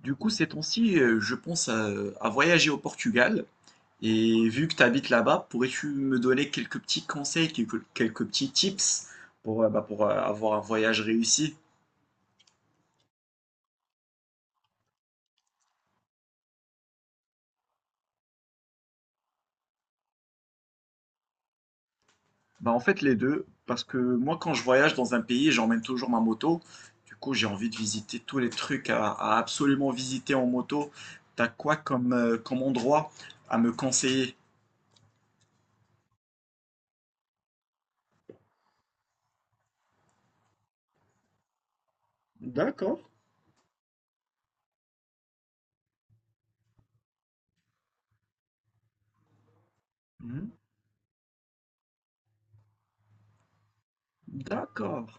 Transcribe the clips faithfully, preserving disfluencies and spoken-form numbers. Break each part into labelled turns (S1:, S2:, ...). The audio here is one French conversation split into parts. S1: Du coup, ces temps-ci, euh, je pense à, à voyager au Portugal. Et vu que tu habites là-bas, pourrais-tu me donner quelques petits conseils, quelques, quelques petits tips pour, euh, bah, pour euh, avoir un voyage réussi? Bah, en fait, les deux. Parce que moi, quand je voyage dans un pays, j'emmène toujours ma moto. Du coup, j'ai envie de visiter tous les trucs à, à absolument visiter en moto. T'as quoi comme, euh, comme endroit à me conseiller? D'accord. Mhm. D'accord.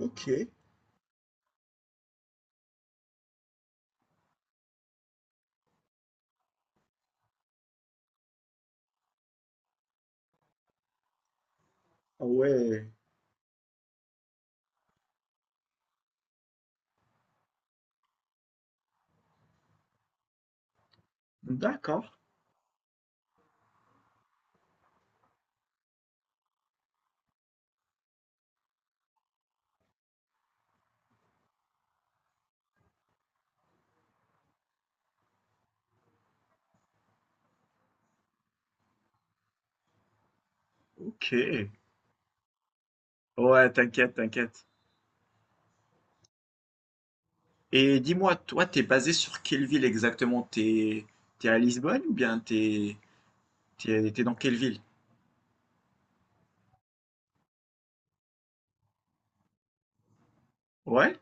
S1: Ok. Ah ouais. D'accord. Ok. Ouais, t'inquiète, t'inquiète. Et dis-moi, toi, t'es basé sur quelle ville exactement? T'es, t'es à Lisbonne ou bien t'es, t'es, t'es dans quelle ville? Ouais?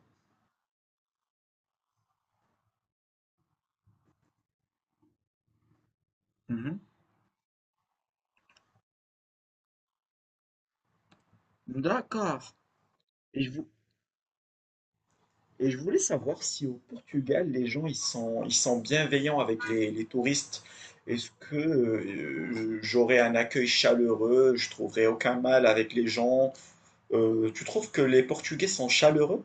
S1: Mhm. D'accord. Et je, vou- et je voulais savoir si au Portugal, les gens, ils sont, ils sont bienveillants avec les, les touristes. Est-ce que euh, j'aurai un accueil chaleureux? Je trouverai aucun mal avec les gens. Euh, tu trouves que les Portugais sont chaleureux?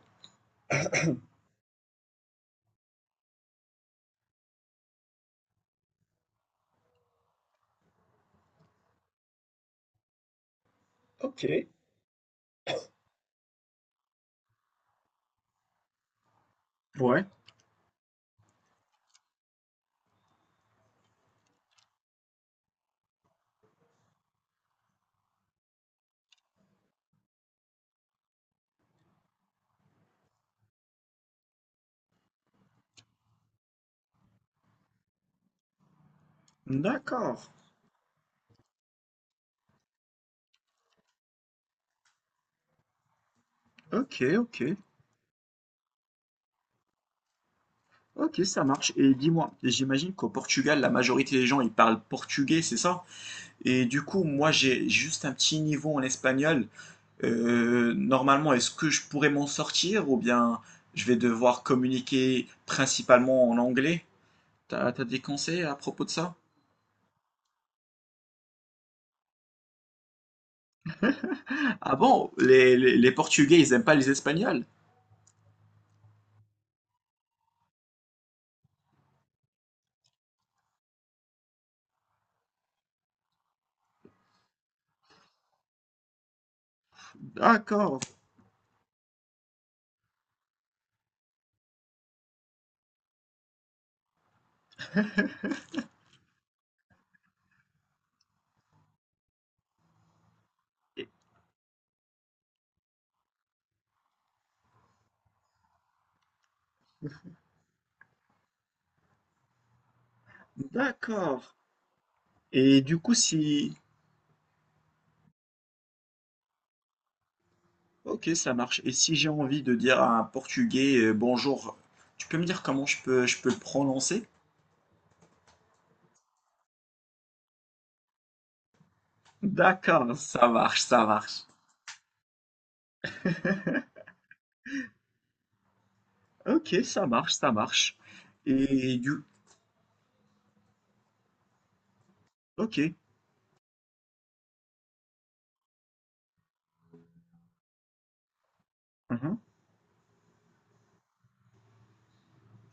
S1: Ok. Ouais. D'accord. Ok, ok. Ok, ça marche. Et dis-moi, j'imagine qu'au Portugal, la majorité des gens, ils parlent portugais, c'est ça? Et du coup, moi, j'ai juste un petit niveau en espagnol. Euh, normalement, est-ce que je pourrais m'en sortir ou bien je vais devoir communiquer principalement en anglais? T'as, t'as des conseils à propos de ça? Ah bon, les, les- les Portugais, ils aiment pas les Espagnols? D'accord. D'accord. Et du coup, si... Ok, ça marche. Et si j'ai envie de dire à un Portugais euh, bonjour, tu peux me dire comment je peux, je peux le prononcer? D'accord, ça marche, ça marche. Ok, ça marche, ça marche. Et du... Ok. Mhm.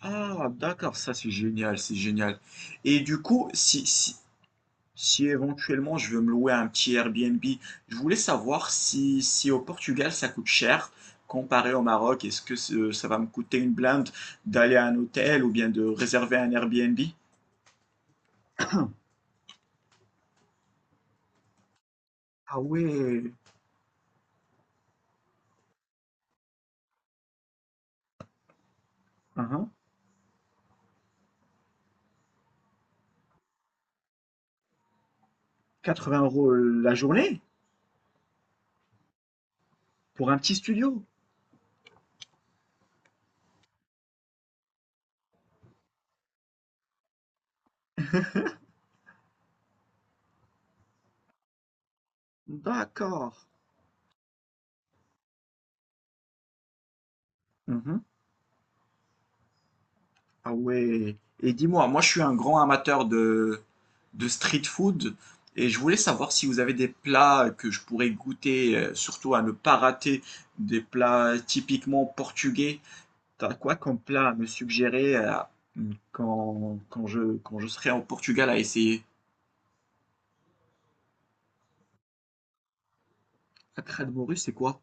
S1: Ah, d'accord, ça c'est génial, c'est génial. Et du coup, si, si, si éventuellement je veux me louer un petit Airbnb, je voulais savoir si, si au Portugal ça coûte cher comparé au Maroc. Est-ce que ce- ça va me coûter une blinde d'aller à un hôtel ou bien de réserver un Airbnb? Ah ouais, hein, quatre-vingts euros la journée pour un petit studio. D'accord. Mhm. Ah ouais. Et dis-moi, moi je suis un grand amateur de, de street food et je voulais savoir si vous avez des plats que je pourrais goûter, euh, surtout à ne pas rater, des plats typiquement portugais. T'as quoi comme plat à me suggérer euh, quand, quand je, quand je serai en Portugal à essayer? La crade morue, c'est quoi?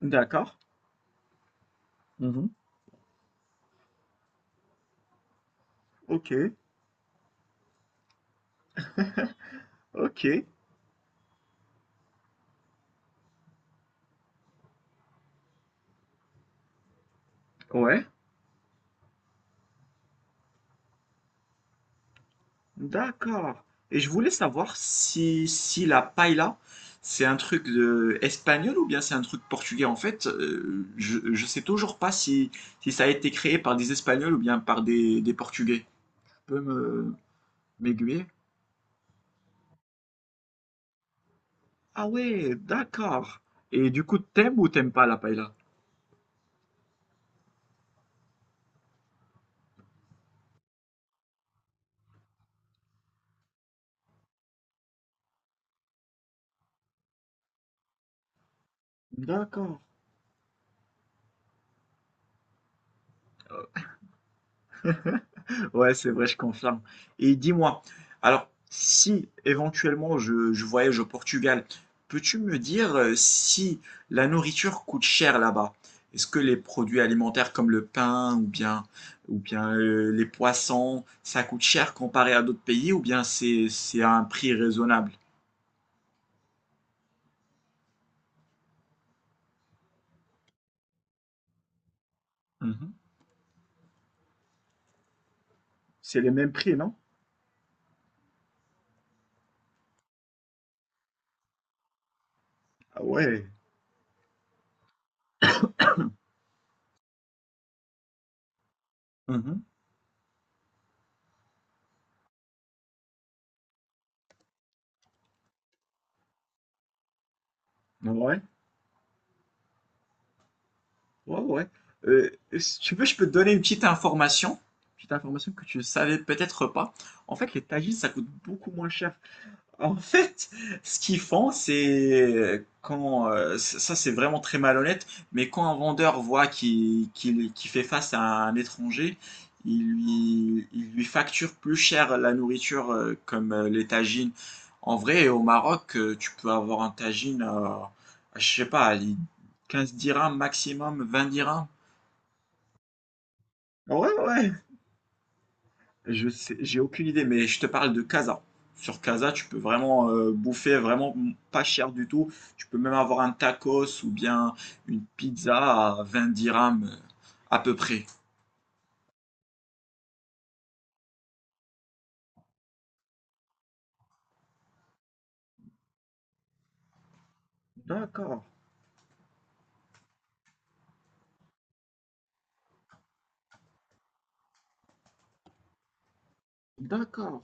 S1: D'accord. Mhm. Ok, ok. Ouais. D'accord. Et je voulais savoir si, si la paella, c'est un truc de espagnol ou bien c'est un truc portugais. En fait, euh, je, je sais toujours pas si, si ça a été créé par des Espagnols ou bien par des, des Portugais. Tu peux me, m'aiguiller? Ah ouais, d'accord. Et du coup, t'aimes ou t'aimes pas la paella? D'accord. Ouais, c'est vrai, je confirme. Et dis-moi, alors, si éventuellement je, je voyage au Portugal, peux-tu me dire euh, si la nourriture coûte cher là-bas? Est-ce que les produits alimentaires comme le pain ou bien, ou bien euh, les poissons, ça coûte cher comparé à d'autres pays ou bien c'est, c'est à un prix raisonnable? Mhm. C'est les mêmes prix, non? Ah ouais. Mhm. Ouais. Ouais, ouais. Euh, si tu veux, je peux te donner une petite information. Petite information que tu ne savais peut-être pas. En fait, les tagines, ça coûte beaucoup moins cher en fait, ce qu'ils font, c'est quand euh, ça ça, c'est vraiment très malhonnête, mais quand un vendeur voit qu'il qu'il- qu'il fait face à un étranger, il lui, il lui facture plus cher la nourriture euh, comme euh, les tagines. En vrai, au Maroc, euh, tu peux avoir un tagine à, à, je sais pas, à les quinze dirhams maximum, vingt dirhams. Ouais, ouais, je sais, j'ai aucune idée, mais je te parle de Casa. Sur Casa, tu peux vraiment euh, bouffer vraiment pas cher du tout. Tu peux même avoir un tacos ou bien une pizza à vingt dirhams euh, à peu près. D'accord, d'accord.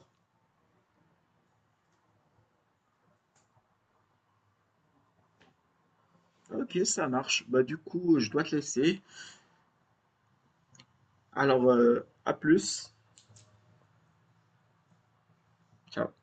S1: Ok, ça marche. Bah du coup, je dois te laisser. Alors, euh, à plus. Ciao.